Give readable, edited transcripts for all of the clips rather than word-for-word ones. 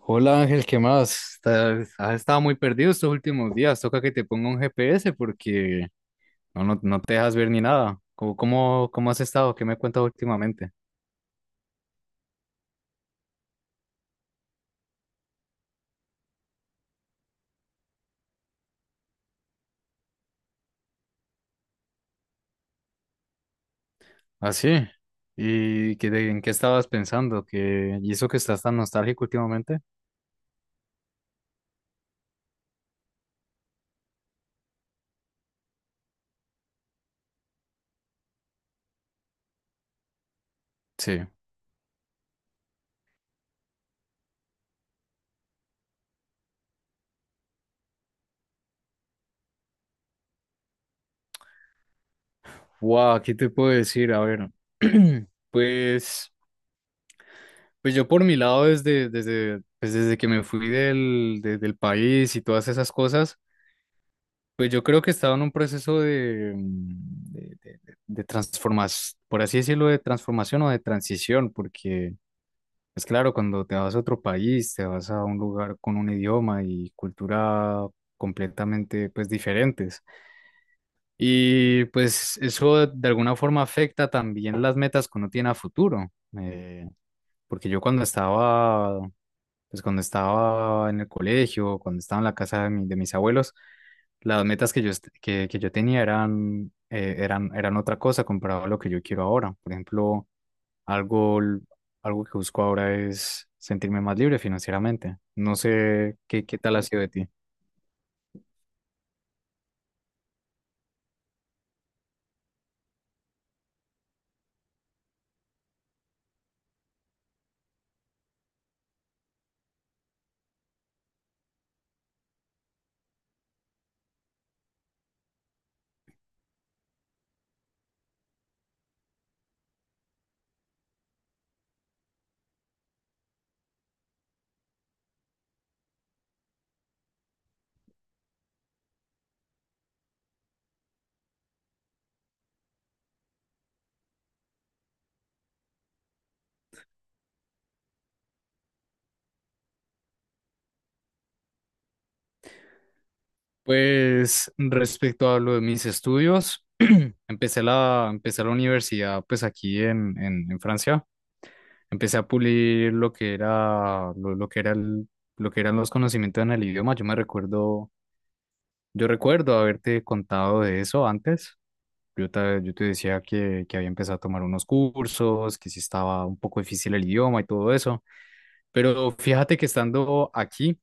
Hola Ángel, ¿qué más? Has estado muy perdido estos últimos días. Toca que te ponga un GPS porque no, no, no te dejas ver ni nada. ¿Cómo has estado? ¿Qué me cuentas últimamente? Ah, sí. ¿Y en qué estabas pensando? ¿Y eso que estás tan nostálgico últimamente? Sí. Wow, ¿qué te puedo decir? A ver, pues, pues yo por mi lado, desde que me fui del país y todas esas cosas. Pues yo creo que estaba en un proceso de, por así decirlo, de transformación o de transición, porque es claro, cuando te vas a otro país, te vas a un lugar con un idioma y cultura completamente pues diferentes. Y pues eso de alguna forma afecta también las metas que uno tiene a futuro. eh, Porque yo cuando estaba en el colegio, cuando estaba en la casa de mis abuelos, las metas que que yo tenía eran otra cosa comparado a lo que yo quiero ahora. Por ejemplo, algo, l- algo que busco ahora es sentirme más libre financieramente. No sé qué tal ha sido de ti. Pues respecto a lo de mis estudios, empecé la universidad pues aquí en Francia. Empecé a pulir lo que eran los conocimientos en el idioma. Yo recuerdo haberte contado de eso antes. Yo te decía que había empezado a tomar unos cursos, que sí estaba un poco difícil el idioma y todo eso. Pero fíjate que estando aquí,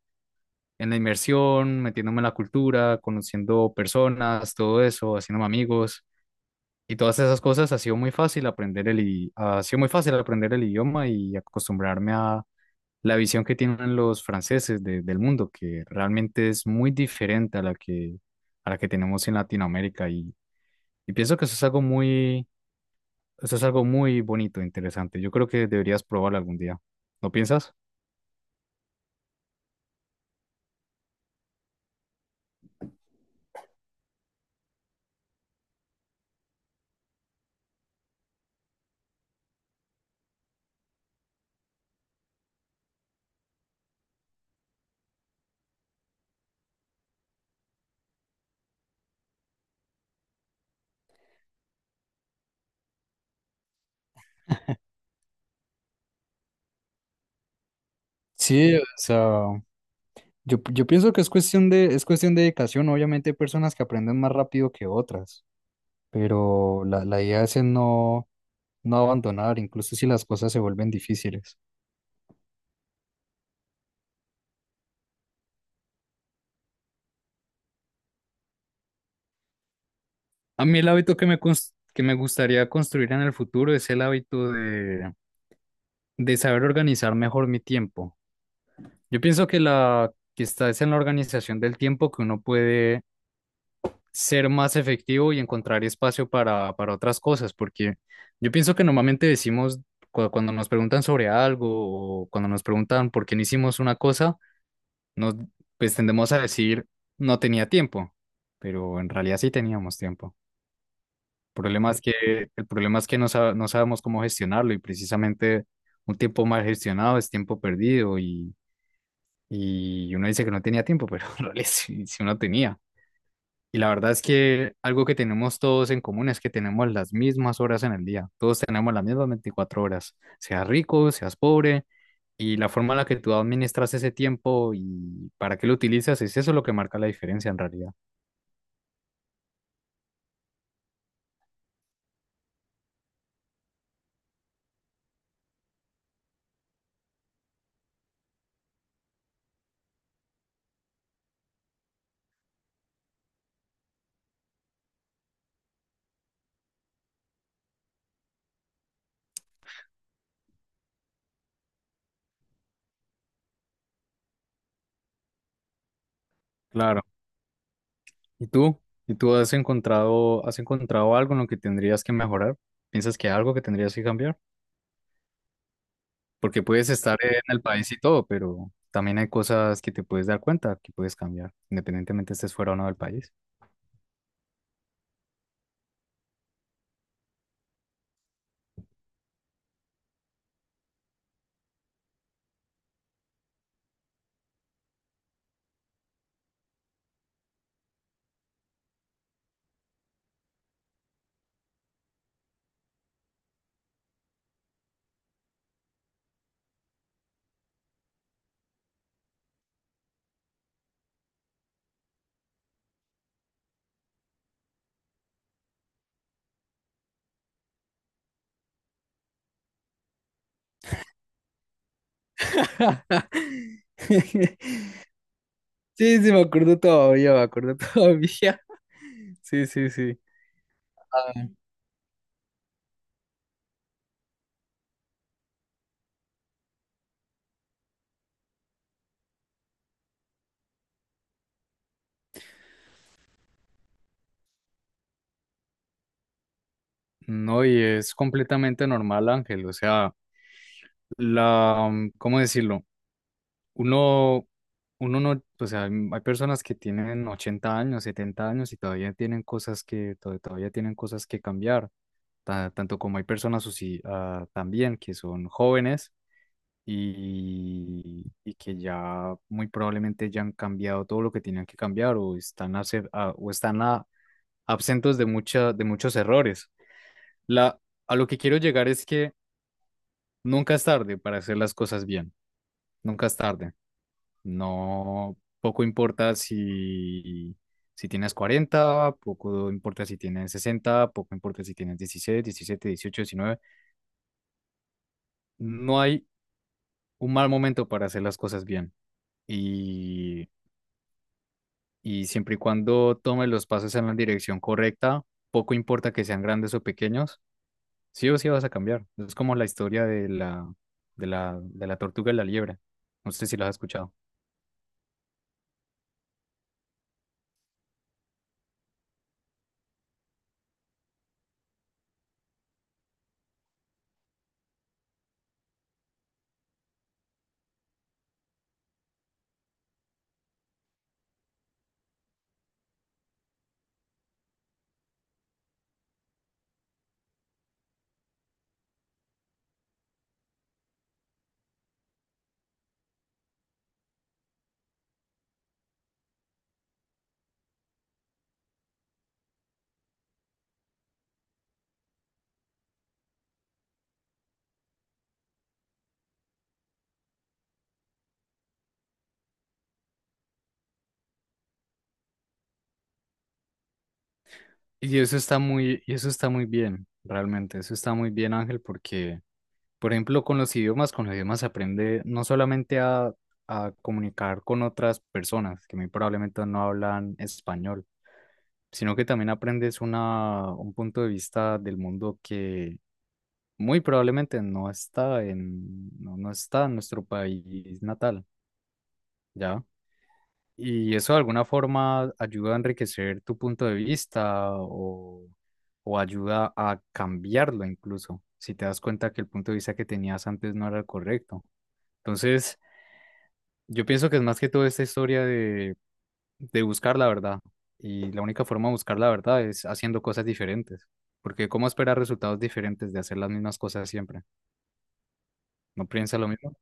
en la inmersión, metiéndome en la cultura, conociendo personas, todo eso, haciéndome amigos. Y todas esas cosas ha sido muy fácil aprender el, i- ha sido muy fácil aprender el idioma y acostumbrarme a la visión que tienen los franceses del mundo, que realmente es muy diferente a la que tenemos en Latinoamérica. Y pienso que eso es algo muy bonito, interesante. Yo creo que deberías probarlo algún día. ¿No piensas? Sí, o sea, yo pienso que es cuestión de dedicación. Obviamente hay personas que aprenden más rápido que otras, pero la idea es en no, no abandonar, incluso si las cosas se vuelven difíciles. A mí el hábito que me gustaría construir en el futuro es el hábito de saber organizar mejor mi tiempo. Yo pienso que la que está es en la organización del tiempo que uno puede ser más efectivo y encontrar espacio para otras cosas, porque yo pienso que normalmente decimos cuando nos preguntan sobre algo o cuando nos preguntan por qué no hicimos una cosa, nos pues tendemos a decir no tenía tiempo, pero en realidad sí teníamos tiempo. problema es que, el problema es que no sabemos cómo gestionarlo y precisamente un tiempo mal gestionado es tiempo perdido y uno dice que no tenía tiempo, pero en realidad sí, sí uno tenía. Y la verdad es que algo que tenemos todos en común es que tenemos las mismas horas en el día, todos tenemos las mismas 24 horas, seas rico, seas pobre, y la forma en la que tú administras ese tiempo y para qué lo utilizas es eso lo que marca la diferencia en realidad. ¿Y tú? ¿Y tú has encontrado algo en lo que tendrías que mejorar? ¿Piensas que hay algo que tendrías que cambiar? Porque puedes estar en el país y todo, pero también hay cosas que te puedes dar cuenta que puedes cambiar, independientemente estés fuera o no del país. Sí, sí, me acuerdo todavía, me acuerdo todavía. Sí, sí, sí. No, y es completamente normal, Ángel. O sea, la, ¿cómo decirlo? Uno, uno no, o sea, hay personas que tienen 80 años, 70 años, y todavía tienen cosas que, to- todavía tienen cosas que cambiar, tanto como hay personas así, también que son jóvenes y que ya muy probablemente ya han cambiado todo lo que tenían que cambiar o están absentos de, mucha, de muchos errores. La, a lo que quiero llegar es que nunca es tarde para hacer las cosas bien, nunca es tarde. No, poco importa si tienes 40, poco importa si tienes 60, poco importa si tienes 16, 17, 18, 19. No hay un mal momento para hacer las cosas bien. Y, y siempre y cuando tomes los pasos en la dirección correcta, poco importa que sean grandes o pequeños, sí o sí vas a cambiar. Es como la historia de la tortuga y la liebre. No sé si lo has escuchado. Y eso está muy bien, realmente. Eso está muy bien, Ángel, porque, por ejemplo, con los idiomas se aprende no solamente a comunicar con otras personas que muy probablemente no hablan español, sino que también aprendes un punto de vista del mundo que muy probablemente no está en nuestro país natal, ¿ya? Y eso de alguna forma ayuda a enriquecer tu punto de vista o ayuda a cambiarlo incluso, si te das cuenta que el punto de vista que tenías antes no era el correcto. Entonces, yo pienso que es más que todo esta historia de buscar la verdad. Y la única forma de buscar la verdad es haciendo cosas diferentes. Porque ¿cómo esperar resultados diferentes de hacer las mismas cosas siempre? ¿No piensa lo mismo?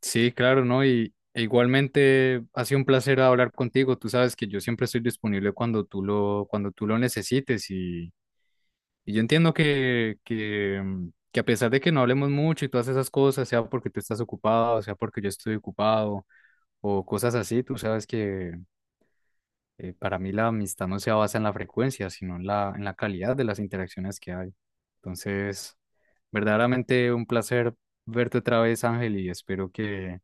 Sí, claro, ¿no? Y e igualmente ha sido un placer hablar contigo. Tú sabes que yo siempre estoy disponible cuando tú lo necesites. Y yo entiendo que a pesar de que no hablemos mucho y todas esas cosas, sea porque tú estás ocupado, sea porque yo estoy ocupado o cosas así, tú sabes que. Para mí la amistad no se basa en la frecuencia, sino en la calidad de las interacciones que hay. Entonces, verdaderamente un placer verte otra vez, Ángel, y espero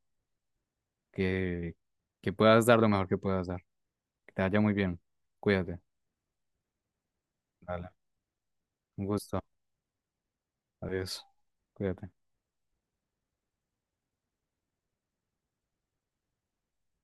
que, que puedas dar lo mejor que puedas dar. Que te vaya muy bien. Cuídate. Dale. Un gusto. Adiós. Cuídate.